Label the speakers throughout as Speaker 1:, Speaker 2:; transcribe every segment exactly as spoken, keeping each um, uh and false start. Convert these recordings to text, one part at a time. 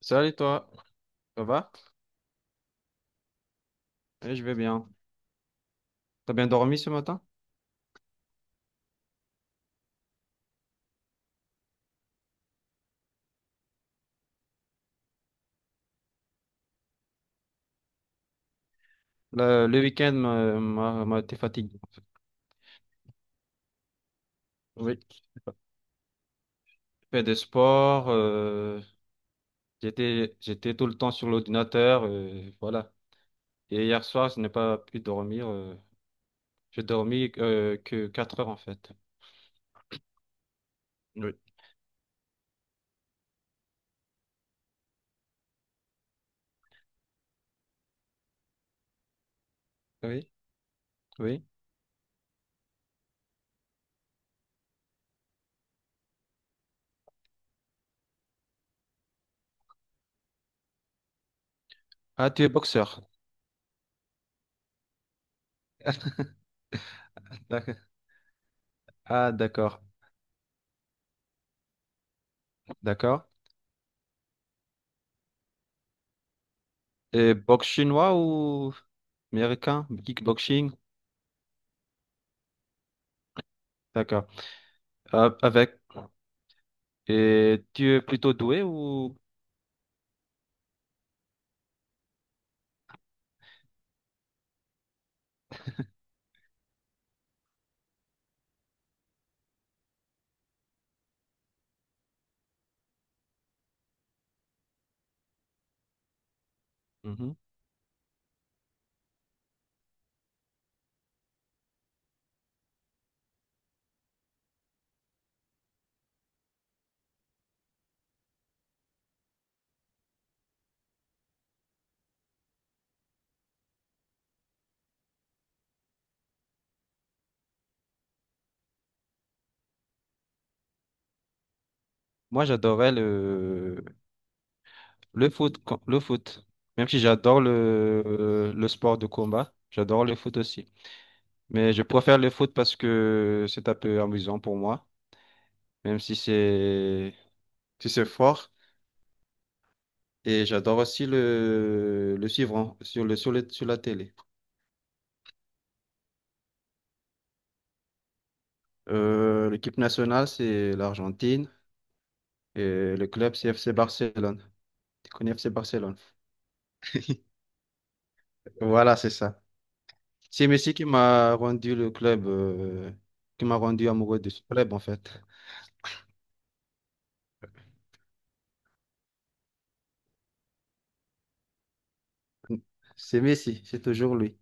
Speaker 1: Salut toi, ça va? Oui, je vais bien. T'as bien dormi ce matin? Le, le week-end m'a m'a- m'a été fatigué. Oui, je fais des sports, euh, j'étais j'étais tout le temps sur l'ordinateur, euh, voilà. Et hier soir, je n'ai pas pu dormir. Euh, j'ai dormi euh, que quatre heures en fait. Oui. Oui, oui. Ah, tu es boxeur. D'accord. Ah, d'accord, d'accord. Et boxe chinois ou américain? Kickboxing? D'accord. Euh, avec. Et tu es plutôt doué ou. Mhm. Moi, j'adorais le, le foot, quand- le foot. Même si j'adore le, le sport de combat, j'adore le foot aussi. Mais je préfère le foot parce que c'est un peu amusant pour moi. Même si c'est si c'est fort. Et j'adore aussi le, le suivre hein, sur le, sur le- sur la télé. Euh, l'équipe nationale, c'est l'Argentine et le club, c'est F C Barcelone. Tu connais F C Barcelone? Voilà, c'est ça. C'est Messi qui m'a rendu le club, euh, qui m'a rendu amoureux de ce club, en fait. C'est Messi, c'est toujours lui.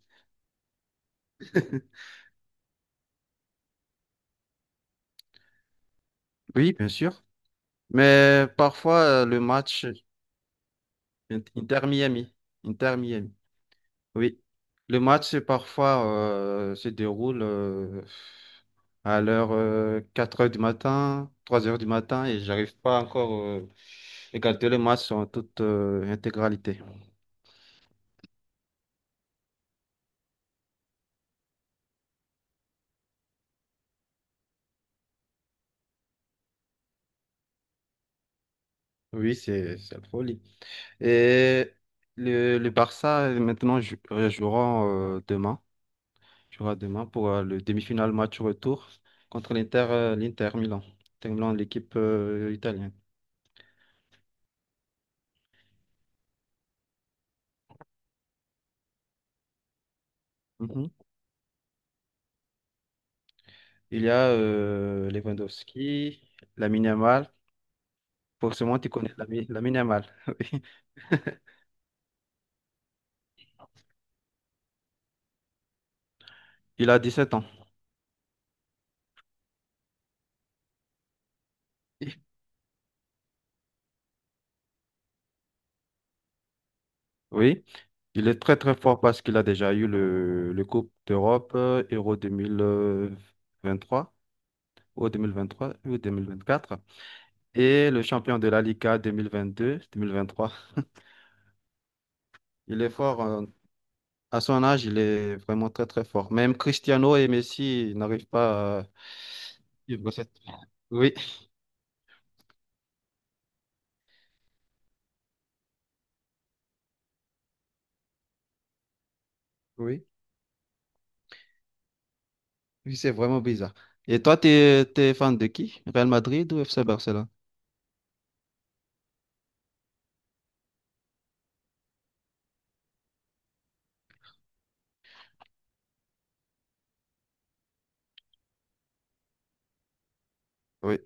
Speaker 1: Oui, bien sûr. Mais parfois, euh, le match Inter Miami, Inter Miami. Oui, le match, c'est parfois euh, se déroule euh, à l'heure euh, quatre heures du matin, trois heures du matin, et j'arrive pas encore à regarder le match en toute euh, intégralité. Oui, c'est c'est la folie. Et le, le Barça, euh, maintenant, jou- euh, jouera euh, demain, jouera demain pour euh, le demi-finale match retour contre l'Inter euh, l'Inter Milan, Inter Milan, l'équipe euh, italienne. Mhm. Il y a euh, Lewandowski, Lamine Yamal. Forcément, tu connais Lami- Lamine Yamal. Oui. Il a dix sept ans. Oui. Il est très très fort parce qu'il a déjà eu le, le Coupe d'Europe euh, Euro trois ou deux mille vingt trois ou deux mille vingt quatre et le champion de la Liga deux deux deux mille vingt-deux-deux mille vingt vingt trois. Il est fort. euh, À son âge, il est vraiment très très fort. Même Cristiano et Messi n'arrivent pas à suivre cette- Oui, oui, oui, c'est vraiment bizarre. Et toi, tu es fan de qui? Real Madrid ou F C Barcelone? Oui.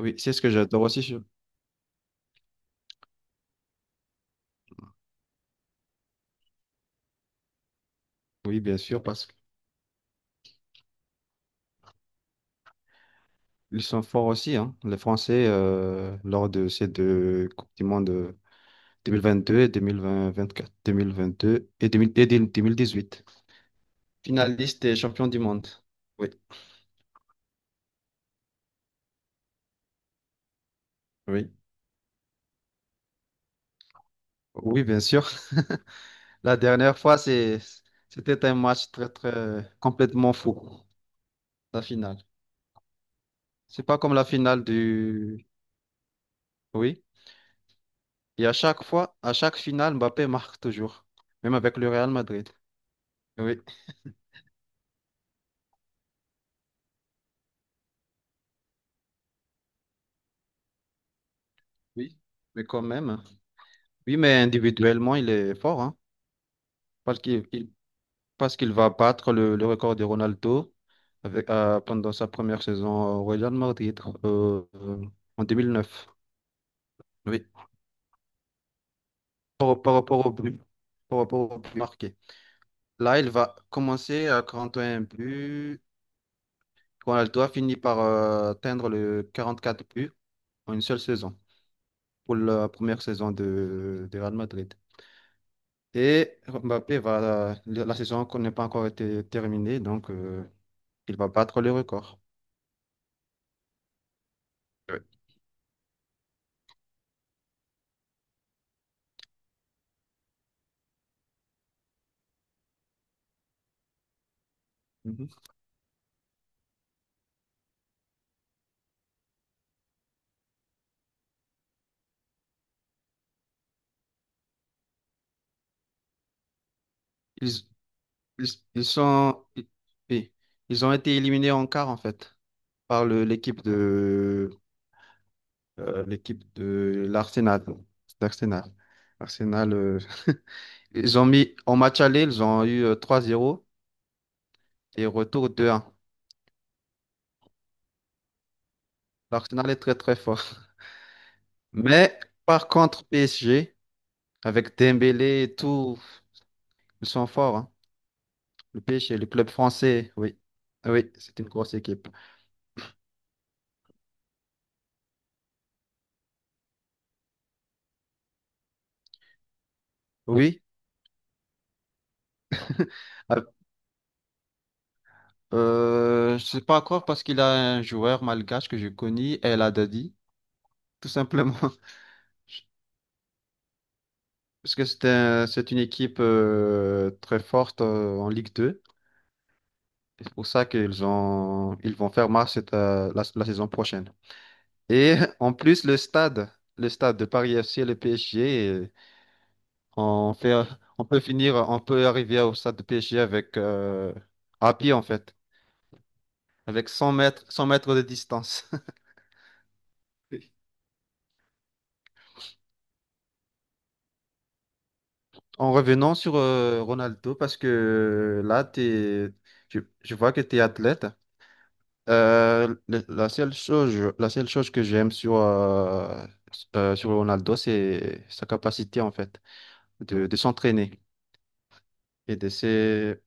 Speaker 1: Oui, c'est ce que j'adore aussi. sur- Oui, bien sûr, parce qu'ils sont forts aussi, hein. Les Français, euh, lors de ces deux Coupes du Monde euh, deux mille vingt-deux et deux mille vingt-quatre, deux mille vingt-deux et, deux mille et deux mille dix-huit. Finaliste et champion du monde. Oui, oui. Oui, bien sûr. La dernière fois, c'est, c'était un match très, très complètement fou, la finale. C'est pas comme la finale du... Oui. Et à chaque fois, à chaque finale, Mbappé marque toujours, même avec le Real Madrid. Oui. Oui, mais quand même. Oui, mais individuellement, il est fort, hein, parce qu'il il- parce qu'il va battre le, le record de Ronaldo avec, euh, pendant sa première saison au Real Madrid euh, euh, en deux mille neuf. Oui, par, par rapport au but, par rapport au but marqué. Là, il va commencer à quarante et un buts. Ronaldo a fini par euh, atteindre le quarante quatre buts en une seule saison pour la première saison de, de Real Madrid. Et Mbappé va, la, la saison qu'on n'est pas encore été terminée, donc euh, il va battre le record. Ouais. Mhm. Ils, ils, ils sont, i- oui, ils ont été éliminés en quart en fait par le- l'équipe de euh, l'équipe de l'Arsenal. D'Arsenal. Arsenal, euh, ils ont mis en match aller, ils ont eu euh, trois à zéro et retour deux un. L'Arsenal est très très fort. Mais par contre P S G avec Dembélé et tout, ils sont forts. Hein. Le P S G, le club français, oui. Ah oui, c'est une grosse équipe. Oui. Ah, Euh, je sais pas encore parce qu'il a un joueur malgache que je connais, El Haddadi, tout simplement. Parce que c'est un- c'est une équipe euh, très forte euh, en Ligue deux. Et c'est pour ça qu'ils ont, ils vont faire marche cette, euh, la, la saison prochaine. Et en plus, le stade, le stade de Paris F C et le P S G, euh, on fait, on peut finir, on peut arriver au stade de P S G avec euh, à pied en fait. Avec cent mètres, cent mètres de distance. En revenant sur euh, Ronaldo, parce que là, t'es, tu- je vois que tu es athlète. Euh, le- la seule chose, la seule chose que j'aime sur, euh, euh, sur Ronaldo, c'est sa capacité, en fait, de, de s'entraîner et de se...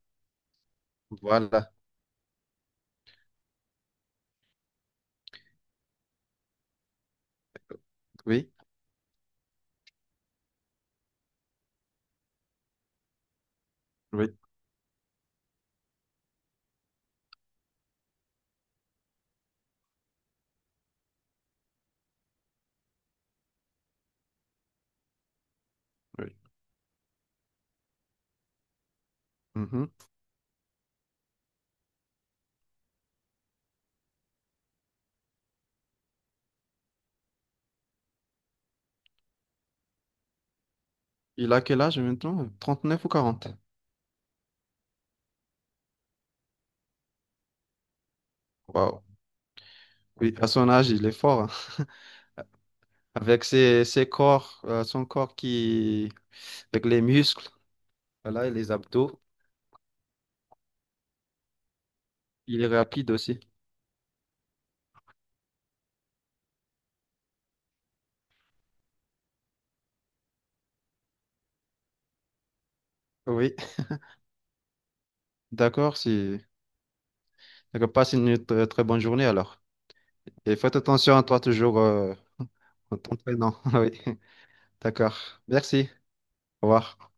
Speaker 1: Voilà, oui, oui, oui. Mhm. Il a quel âge maintenant? trente-neuf ou quarante? Waouh. Oui, à son âge, il est fort. Hein. Avec ses, ses corps, euh, son corps qui... Avec les muscles. Voilà, et les abdos. Il est rapide aussi. Oui, d'accord, si. D'accord, passe une très très, bonne journée alors. Et faites attention à toi toujours euh, en t'entraînant. Oui, d'accord. Merci. Au revoir.